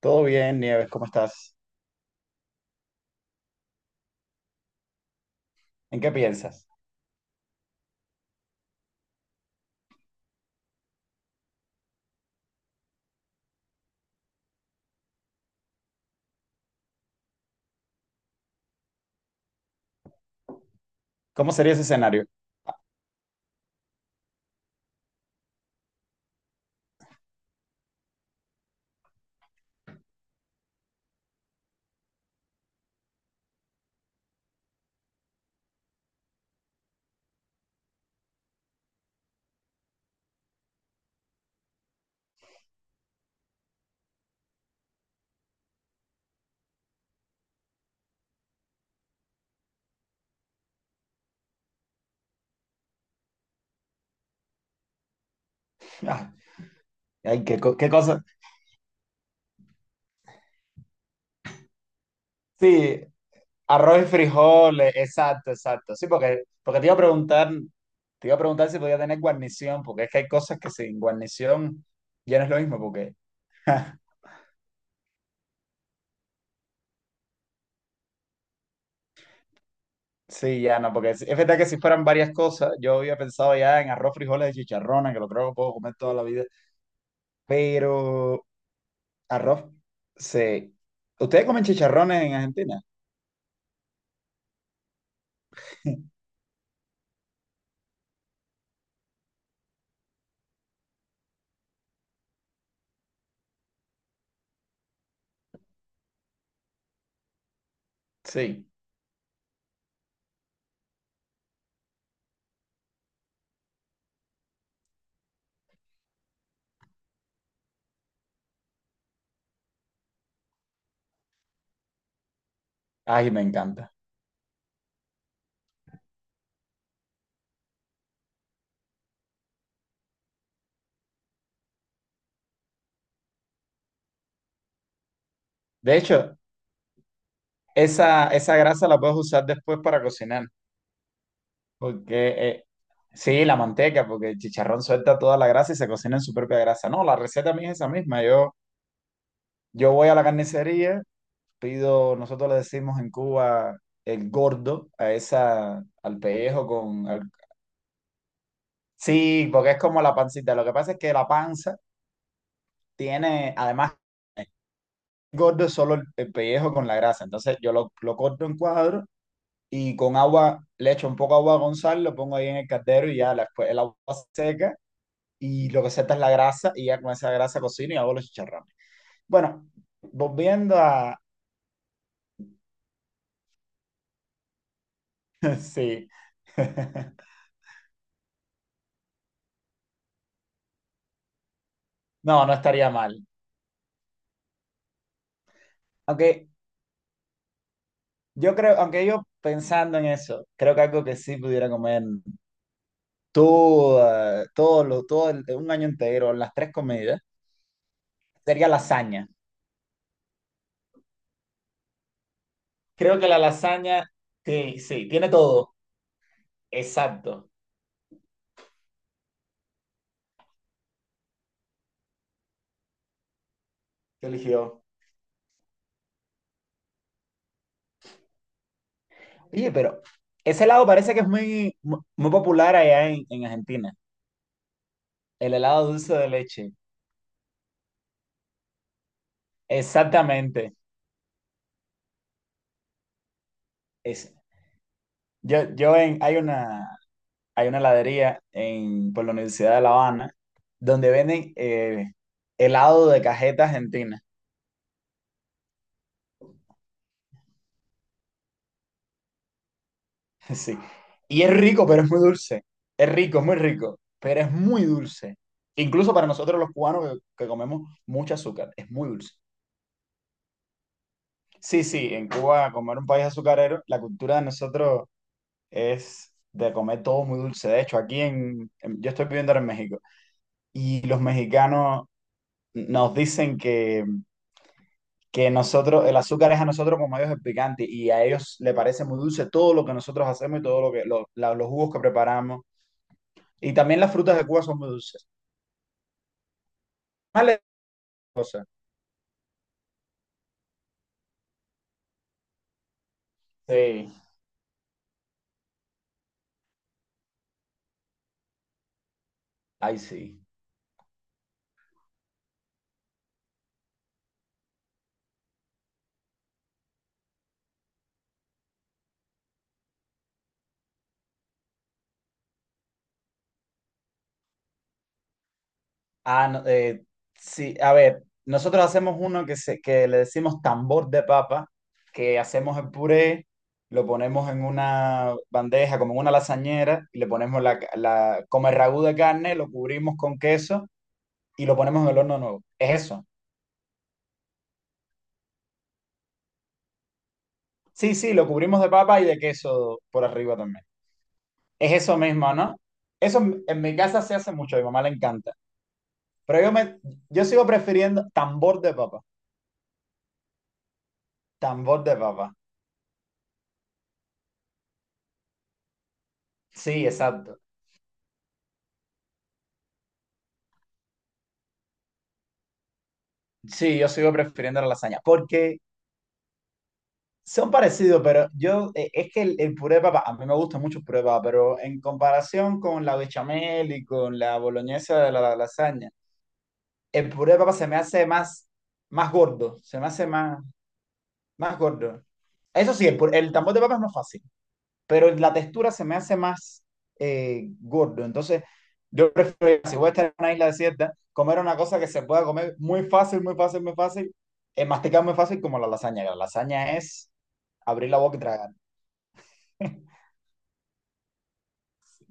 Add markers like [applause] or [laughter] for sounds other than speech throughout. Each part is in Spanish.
Todo bien, Nieves, ¿cómo estás? ¿En qué piensas? ¿Cómo sería ese escenario? Ah, ay, qué, qué cosa. Sí, arroz y frijoles, exacto, exacto. Sí, porque te iba a preguntar, te iba a preguntar si podía tener guarnición, porque es que hay cosas que sin guarnición ya no es lo mismo, porque [laughs] sí, ya no, porque es verdad que si fueran varias cosas, yo había pensado ya en arroz, frijoles y chicharrones, que lo creo que puedo comer toda la vida, pero arroz, sí. ¿Ustedes comen chicharrones en Argentina? [laughs] Sí. Ay, me encanta. De hecho, esa grasa la puedes usar después para cocinar, porque sí, la manteca, porque el chicharrón suelta toda la grasa y se cocina en su propia grasa. No, la receta mía es esa misma. Yo voy a la carnicería, pido, nosotros le decimos en Cuba el gordo, a esa, al pellejo con... sí, porque es como la pancita. Lo que pasa es que la panza tiene, además gordo es solo el pellejo con la grasa. Entonces yo lo corto en cuadros y con agua, le echo un poco de agua a Gonzalo, lo pongo ahí en el caldero y ya después el agua seca y lo que seca es la grasa y ya con esa grasa cocino y hago los chicharrones. Bueno, volviendo a... [laughs] Sí. [laughs] No, no estaría mal. Aunque yo creo, aunque yo pensando en eso, creo que algo que sí pudiera comer todo, todo, lo, un año entero, las tres comidas, sería lasaña. Creo que la lasaña, sí, sí, tiene todo. Exacto. ¿Qué eligió? Oye, pero ese helado parece que es muy, muy popular allá en Argentina. El helado dulce de leche. Exactamente. Ese. Yo, yo en, hay una, hay una heladería en, por la Universidad de La Habana donde venden helado de cajeta argentina. [laughs] Sí. Y es rico, pero es muy dulce. Es rico, es muy rico, pero es muy dulce. Incluso para nosotros los cubanos que comemos mucho azúcar, es muy dulce. Sí, sí, en Cuba, como era un país azucarero, la cultura de nosotros es de comer todo muy dulce. De hecho, aquí en, yo estoy viviendo ahora en México y los mexicanos nos dicen que nosotros, el azúcar es a nosotros como a ellos el picante y a ellos le parece muy dulce todo lo que nosotros hacemos y todo lo que los jugos que preparamos. Y también las frutas de Cuba son muy dulces. Vale, cosa. Sí, ahí sí. Ah, no, sí, a ver, nosotros hacemos uno que le decimos tambor de papa, que hacemos el puré, lo ponemos en una bandeja, como en una lasañera, y le ponemos como el ragú de carne, lo cubrimos con queso y lo ponemos en el horno nuevo. Es eso. Sí, sí, lo cubrimos de papa y de queso por arriba también. Es eso mismo, ¿no? Eso en mi casa se hace mucho, a mi mamá le encanta. Pero yo, me, yo sigo prefiriendo tambor de papa, tambor de papa. Sí, exacto. Sí, yo sigo prefiriendo la lasaña, porque son parecidos, pero yo, es que el puré de papa, a mí me gusta mucho el puré de papa, pero en comparación con la bechamel y con la boloñesa de la lasaña, el puré de papa se me hace más, más gordo, se me hace más, más gordo. Eso sí, el tambor de papa es más fácil. Pero la textura se me hace más gordo. Entonces, yo prefiero, si voy a estar en una isla desierta, comer una cosa que se pueda comer muy fácil, muy fácil, muy fácil, masticar muy fácil como la lasaña. Que La lasaña es abrir la boca y tragar, [laughs]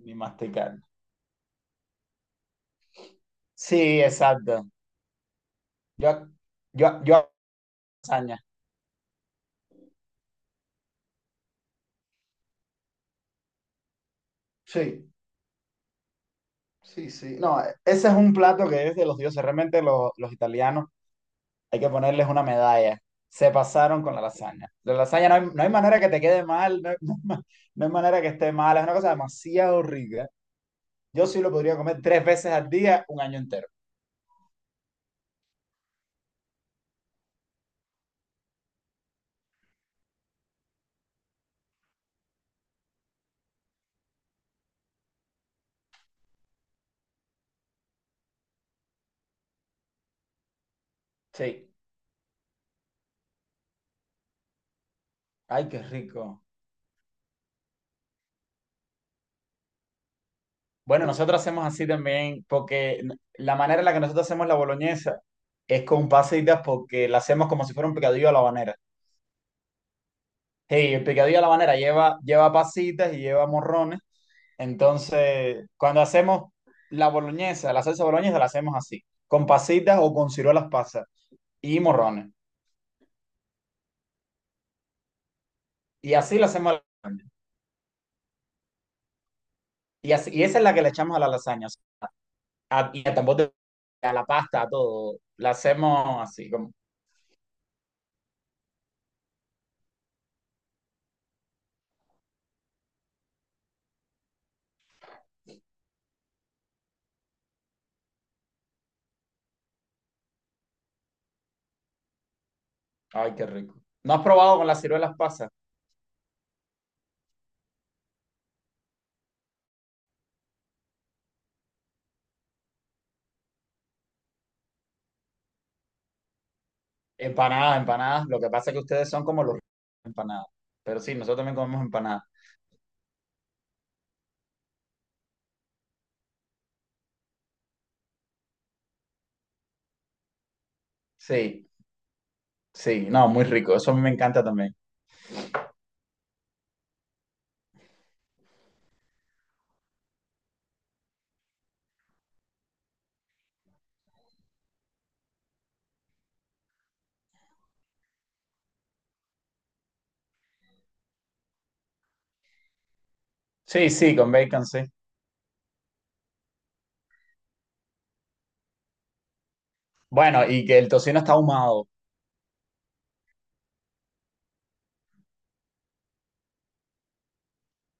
ni masticar. Sí, exacto. Yo, yo hago lasaña. Sí, sí, sí. No, ese es un plato que es de los dioses. Realmente los italianos hay que ponerles una medalla. Se pasaron con la lasaña. La lasaña no hay, no hay manera que te quede mal, no [laughs] hay, no hay manera que esté mal. Es una cosa demasiado rica. Yo sí lo podría comer tres veces al día, un año entero. Sí. Ay, qué rico. Bueno, nosotros hacemos así también, porque la manera en la que nosotros hacemos la boloñesa es con pasitas, porque la hacemos como si fuera un picadillo a la habanera. Sí, el picadillo a la habanera lleva, lleva pasitas y lleva morrones. Entonces, cuando hacemos la boloñesa, la salsa boloñesa la hacemos así, con pasitas o con ciruelas pasas y morrones. Y así la hacemos a la lasaña. Y, y esa es la que le echamos a la lasaña, a- y a tambor de- a la pasta, a todo. La hacemos así, como, ay, qué rico. ¿No has probado con las ciruelas pasas? Empanadas, empanadas. Lo que pasa es que ustedes son como los empanadas. Pero sí, nosotros también comemos empanadas. Sí, sí, no, muy rico. Eso a mí me encanta también. Sí, sí, con bacon, sí. Bueno, y que el tocino está ahumado.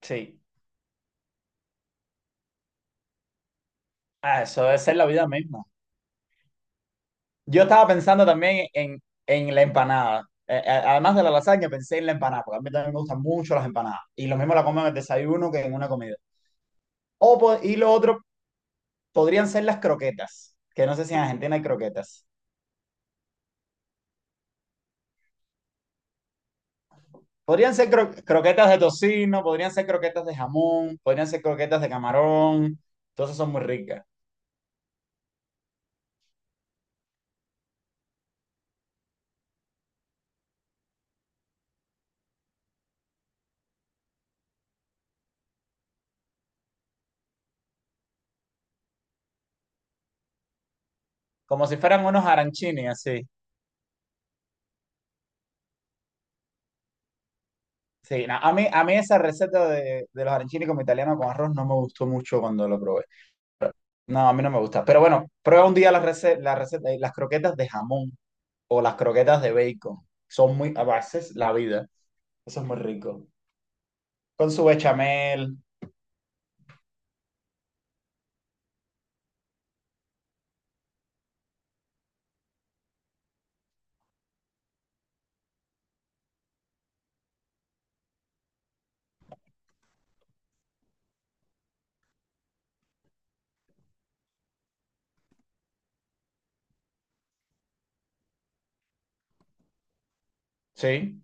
Sí, ah, eso debe ser la vida misma. Yo estaba pensando también en la empanada. Además de la lasaña, pensé en la empanada, porque a mí también me gustan mucho las empanadas. Y lo mismo la como en el desayuno que en una comida. Y lo otro podrían ser las croquetas, que no sé si en Argentina hay croquetas. Podrían ser croquetas de tocino, podrían ser croquetas de jamón, podrían ser croquetas de camarón. Entonces son muy ricas. Como si fueran unos arancini, así. Sí, no, a mí esa receta de los arancini como italiano con arroz no me gustó mucho cuando lo probé. No, a mí no me gusta. Pero bueno, prueba un día las la receta, las croquetas de jamón o las croquetas de bacon. Son muy, a veces, la vida. Eso es muy rico. Con su bechamel. Sí.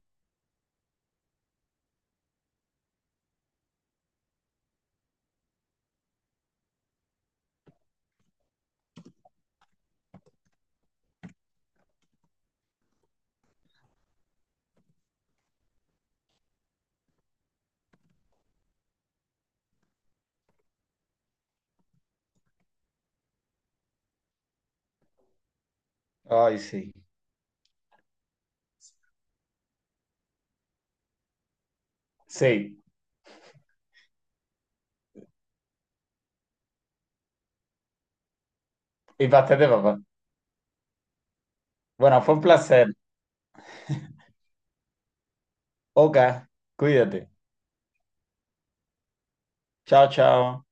Ay, sí. Sí. Y pastel de papá. Bueno, fue un placer. Oka, cuídate. Chao, chao.